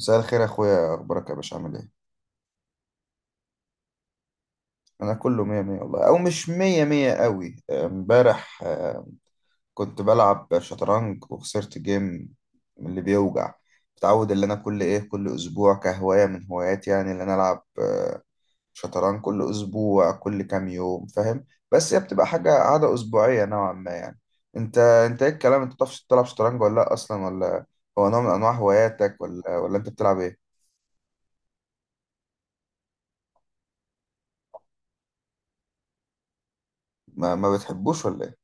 مساء الخير يا اخويا، اخبارك يا باشا؟ عامل ايه؟ انا كله مية مية والله، او مش مية مية قوي. امبارح كنت بلعب شطرنج وخسرت جيم من اللي بيوجع. متعود اللي انا كل ايه، كل اسبوع كهواية من هواياتي يعني اللي انا العب شطرنج كل اسبوع، كل كام يوم، فاهم؟ بس هي بتبقى حاجة عادة اسبوعية نوعا ما يعني. انت ايه الكلام، انت بتعرفش تلعب شطرنج ولا لا اصلا، ولا هو نوع من انواع هواياتك، ولا انت بتلعب ايه؟ ما بتحبوش ولا ايه؟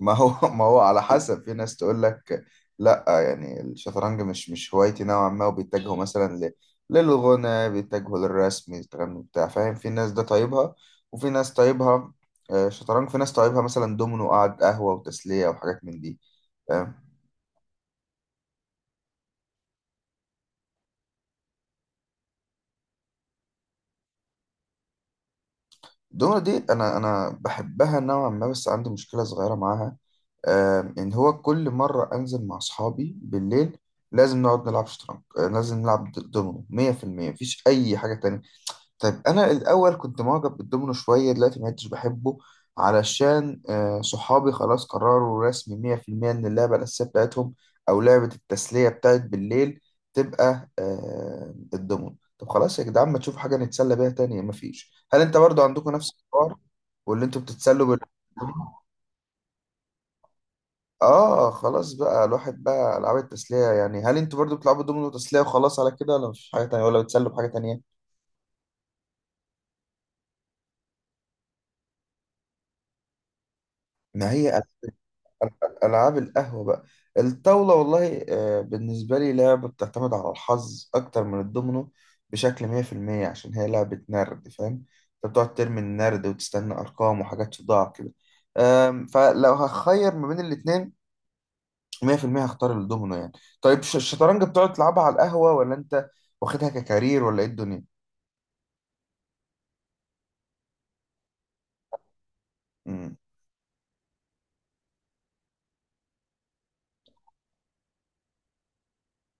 ما هو ما هو على حسب، في ناس تقول لك لا يعني الشطرنج مش هوايتي نوعا ما، وبيتجهوا مثلا للغنى، بيتجهوا للرسم، الكلام بتاع، فاهم؟ في ناس ده طيبها وفي ناس طيبها شطرنج، في ناس طيبها مثلا دومينو، قعد قهوة وتسلية وحاجات من دي، فاهم؟ الدومينو دي انا بحبها نوعا ما، بس عندي مشكلة صغيرة معاها ان هو كل مرة انزل مع اصحابي بالليل لازم نقعد نلعب شطرنج، لازم نلعب دومينو 100%. مفيش اي حاجة تانية. طيب انا الاول كنت معجب بالدومينو شويه، دلوقتي ما عدتش بحبه علشان صحابي خلاص قرروا رسمي 100% ان اللعبه الاساسيه بتاعتهم او لعبه التسليه بتاعت بالليل تبقى الدومينو. طب خلاص يا جدعان، ما تشوفوا حاجه نتسلى بيها تانية؟ مفيش. هل انت برضو عندكم نفس الحوار واللي انتوا بتتسلوا بال؟ اه خلاص بقى الواحد، بقى العاب التسليه يعني. هل انتوا برضو بتلعبوا دومينو تسليه وخلاص على كده، ولا مفيش حاجه تانية، ولا بتسلوا بحاجه تانية؟ ما هي ألعاب القهوة بقى. الطاولة والله بالنسبة لي لعبة بتعتمد على الحظ أكتر من الدومينو بشكل 100%، عشان هي لعبة نرد، فاهم؟ أنت بتقعد ترمي النرد وتستنى أرقام وحاجات تضاع كده. فلو هخير ما بين الاتنين 100% هختار الدومينو يعني. طيب الشطرنج بتقعد تلعبها على القهوة، ولا أنت واخدها ككارير، ولا إيه الدنيا؟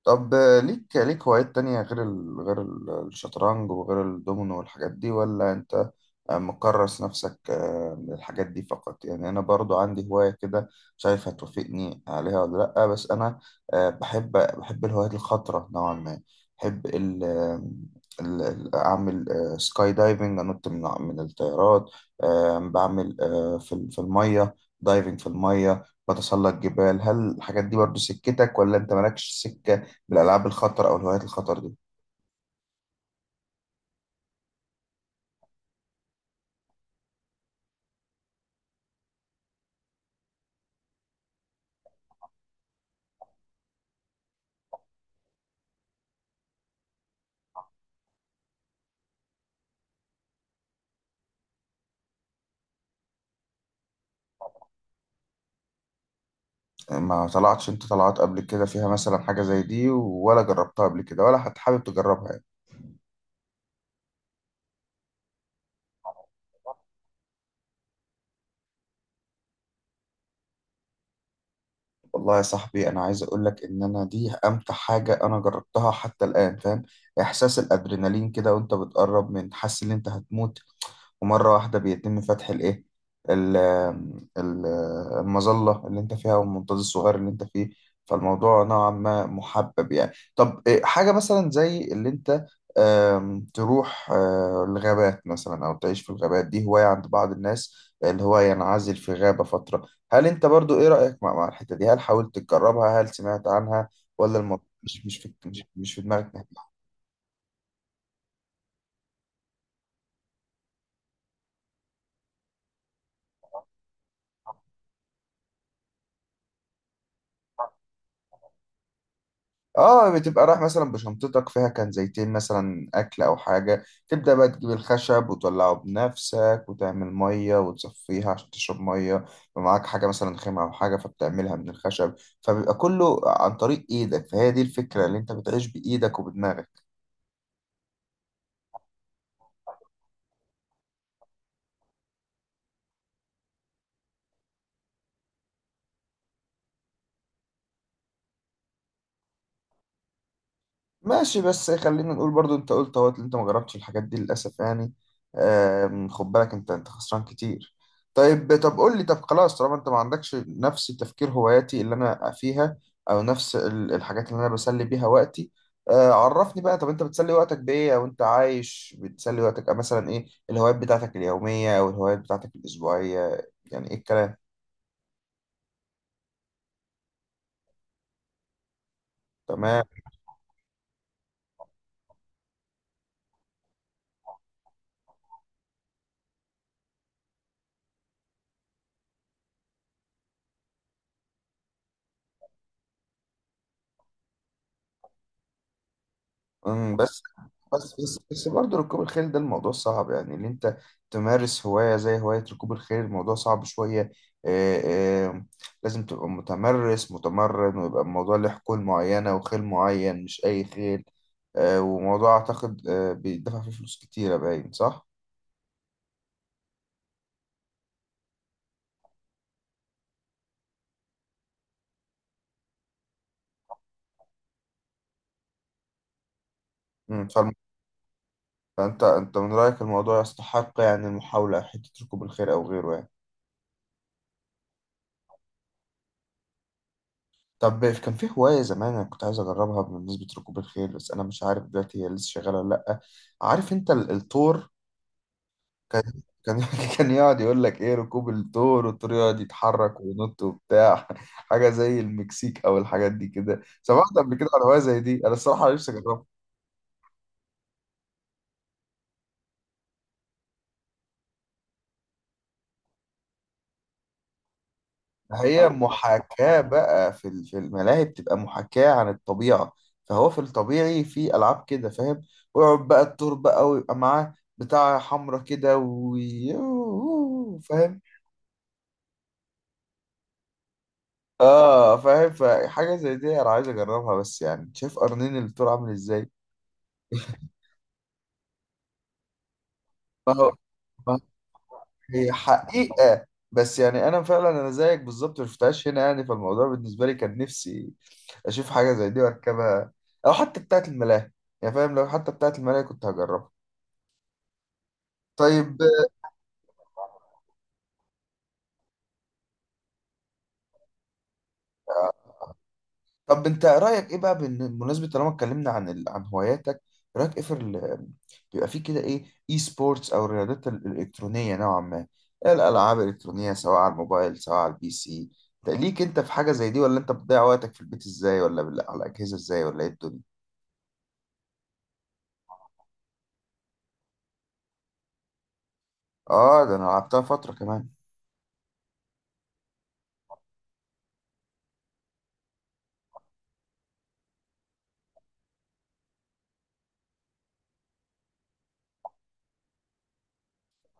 طب ليك هوايات تانية غير غير الشطرنج وغير الدومينو والحاجات دي، ولا انت مكرس نفسك من الحاجات دي فقط يعني؟ انا برضو عندي هواية كده، شايف هتوافقني عليها ولا لأ. بس انا بحب الهوايات الخطرة نوعا ما. بحب ال... آه، ال... ال- اعمل سكاي دايفنج، انط من الطيارات. بعمل في في المية دايفنج في المية. بتسلق جبال. هل الحاجات دي برضو سكتك، ولا انت مالكش سكة بالألعاب الخطر أو الهوايات الخطر دي؟ يعني ما طلعتش، أنت طلعت قبل كده فيها مثلا حاجة زي دي، ولا جربتها قبل كده، ولا حتى حابب تجربها يعني؟ والله يا صاحبي أنا عايز أقول لك إن أنا دي أمتع حاجة أنا جربتها حتى الآن، فاهم؟ إحساس الأدرينالين كده وأنت بتقرب، من حاسس إن أنت هتموت، ومرة واحدة بيتم فتح الإيه، ال- ال- المظلة اللي أنت فيها، والمنطاد الصغير اللي أنت فيه. فالموضوع نوعا ما محبب يعني. طب حاجة مثلا زي اللي أنت تروح الغابات مثلا، أو تعيش في الغابات، دي هواية عند بعض الناس، اللي هو ينعزل في غابة فترة. هل أنت برضو إيه رأيك مع الحتة دي؟ هل حاولت تجربها؟ هل سمعت عنها؟ ولا الموضوع مش في دماغك؟ اه، بتبقى رايح مثلا بشنطتك، فيها كان زيتين مثلا اكل او حاجه، تبدا بقى تجيب الخشب وتولعه بنفسك، وتعمل ميه وتصفيها عشان تشرب ميه، يبقى معاك حاجه مثلا خامه او حاجه فبتعملها من الخشب. فبيبقى كله عن طريق ايدك، فهي دي الفكره، اللي انت بتعيش بايدك وبدماغك. ماشي. بس خلينا نقول برضو، انت قلت اهوت اللي انت ما جربتش الحاجات دي للاسف يعني. خد بالك، انت خسران كتير. طيب، طب قول لي، طب خلاص طالما انت ما عندكش نفس تفكير هواياتي اللي انا فيها، او نفس الحاجات اللي انا بسلي بيها وقتي، عرفني بقى. طب انت بتسلي وقتك بايه، او انت عايش بتسلي وقتك مثلا ايه الهوايات بتاعتك اليومية، او الهوايات بتاعتك الاسبوعية، يعني ايه الكلام؟ تمام. أمم، بس بس برضه ركوب الخيل ده الموضوع صعب يعني، ان انت تمارس هواية زي هواية ركوب الخيل الموضوع صعب شوية. آه، آه، لازم تبقى متمرس متمرن، ويبقى الموضوع له حقول معينة وخيل معين، مش أي خيل. وموضوع أعتقد بيدفع فيه فلوس كتيرة، باين صح؟ مم، فالم- فأنت من رأيك الموضوع يستحق يعني المحاولة، حتة ركوب الخيل أو غيره يعني. طب كان في هواية زمان أنا كنت عايز أجربها بمناسبة ركوب الخيل، بس أنا مش عارف دلوقتي هي لسه شغالة ولا لأ. عارف أنت الثور كان، كان كان يقعد يقول لك إيه، ركوب الثور، والثور يقعد يتحرك وينط وبتاع، حاجة زي المكسيك أو الحاجات دي كده. سمعت قبل كده عن هواية زي دي؟ أنا الصراحة نفسي أجربها. هي محاكاة بقى، في في الملاهي بتبقى محاكاة عن الطبيعة. فهو في الطبيعي في ألعاب كده، فاهم؟ ويقعد بقى الدور بقى، ويبقى معاه بتاع حمرا كده، فاهم؟ اه فاهم. فحاجة زي دي أنا عايز أجربها، بس يعني شايف قرنين الدور عامل إزاي. ما هو، ما هي حقيقة. بس يعني أنا فعلا أنا زيك بالظبط ما شفتهاش هنا يعني، فالموضوع بالنسبة لي كان نفسي اشوف حاجه زي دي واركبها، او حتى بتاعه الملاهي يعني، فاهم؟ لو حتى بتاعه الملاهي كنت هجربها. طيب. طب انت رايك ايه بقى، بمناسبه طالما اتكلمنا عن عن هواياتك، رايك ايه في بيبقى في كده ايه، اي سبورتس، او الرياضات الالكترونيه نوعا ما؟ إيه الالعاب الالكترونيه، سواء على الموبايل، سواء على البي سي؟ انت ليك، انت في حاجه زي دي، ولا انت بتضيع وقتك في البيت ازاي، ولا على الاجهزه ازاي، ولا ايه الدنيا؟ اه ده انا لعبتها فتره كمان.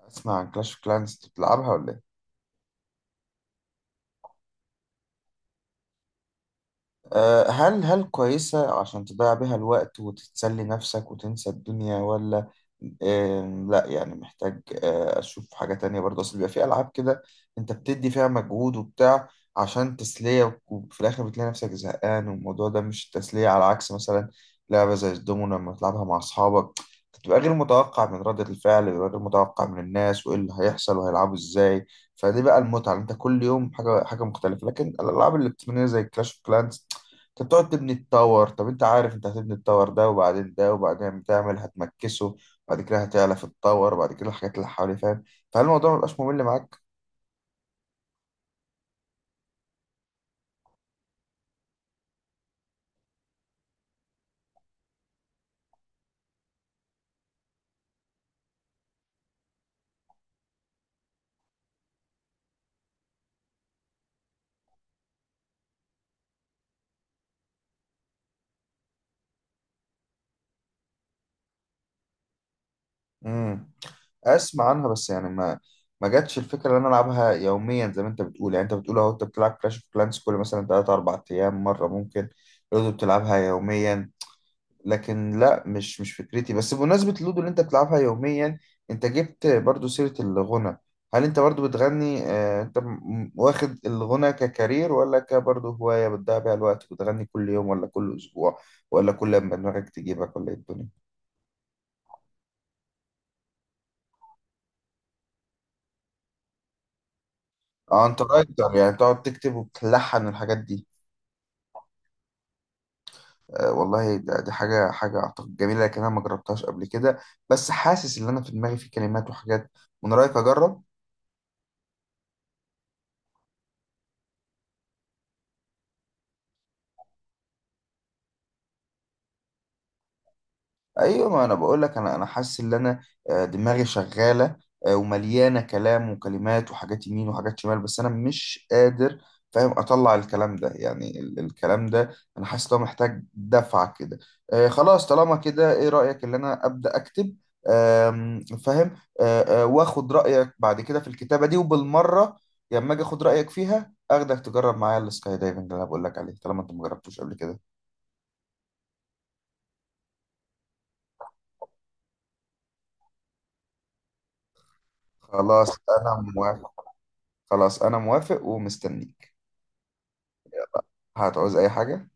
اسمع عن كلاش اوف كلانس. بتلعبها ولا ايه؟ هل كويسة عشان تضيع بيها الوقت وتتسلي نفسك وتنسى الدنيا، ولا لا يعني محتاج أشوف حاجة تانية برضه؟ أصل بيبقى في ألعاب كده أنت بتدي فيها مجهود وبتاع عشان تسلية، وفي الآخر بتلاقي نفسك زهقان والموضوع ده مش تسلية، على عكس مثلا لعبة زي الدومينو لما تلعبها مع أصحابك، بتبقى غير متوقع من ردة الفعل، بيبقى غير متوقع من الناس، وإيه اللي هيحصل وهيلعبوا إزاي. فدي بقى المتعة، أنت كل يوم حاجة حاجة مختلفة. لكن الألعاب الإلكترونية زي كلاش أوف كلانس، انت بتقعد تبني التاور. طب انت عارف انت هتبني التاور ده وبعدين ده، وبعدين بتعمل هتمكسه، وبعد كده هتعلى في التاور، وبعد كده الحاجات اللي حواليه، فاهم؟ فهل الموضوع مبقاش ممل معاك؟ امم، اسمع عنها بس يعني، ما جاتش الفكره ان انا العبها يوميا زي ما انت بتقول يعني. انت بتقول اهو انت بتلعب كلاش اوف كلانس كل مثلا 3 4 ايام مره، ممكن برضه بتلعبها يوميا، لكن لا مش فكرتي. بس بمناسبة اللودو اللي انت بتلعبها يوميا، انت جبت برضو سيرة الغنى. هل انت برضو بتغني؟ انت واخد الغنى ككارير، ولا كبرضو هواية بتضيع بيها الوقت، بتغني كل يوم، ولا كل اسبوع، ولا كل لما دماغك تجيبك، ولا ايه الدنيا؟ اه انت رايتر يعني، بتقعد تكتب وبتلحن الحاجات دي؟ والله دي حاجة اعتقد جميلة، لكن انا ما جربتهاش قبل كده. بس حاسس ان انا في دماغي في كلمات وحاجات. من رايك اجرب؟ ايوه، ما انا بقول لك انا، حاسس ان انا دماغي شغاله ومليانه كلام وكلمات وحاجات يمين وحاجات شمال، بس انا مش قادر فاهم اطلع الكلام ده يعني الكلام ده، انا حاسس ان هو محتاج دفعه كده. خلاص طالما كده، ايه رايك ان انا ابدا اكتب؟ آم، فاهم. واخد رايك بعد كده في الكتابه دي، وبالمره لما اجي اخد رايك فيها اخدك تجرب معايا السكاي دايفنج اللي انا بقول لك عليه طالما انت مجربتوش قبل كده. خلاص انا موافق. خلاص انا موافق ومستنيك. هتعوز اي حاجة؟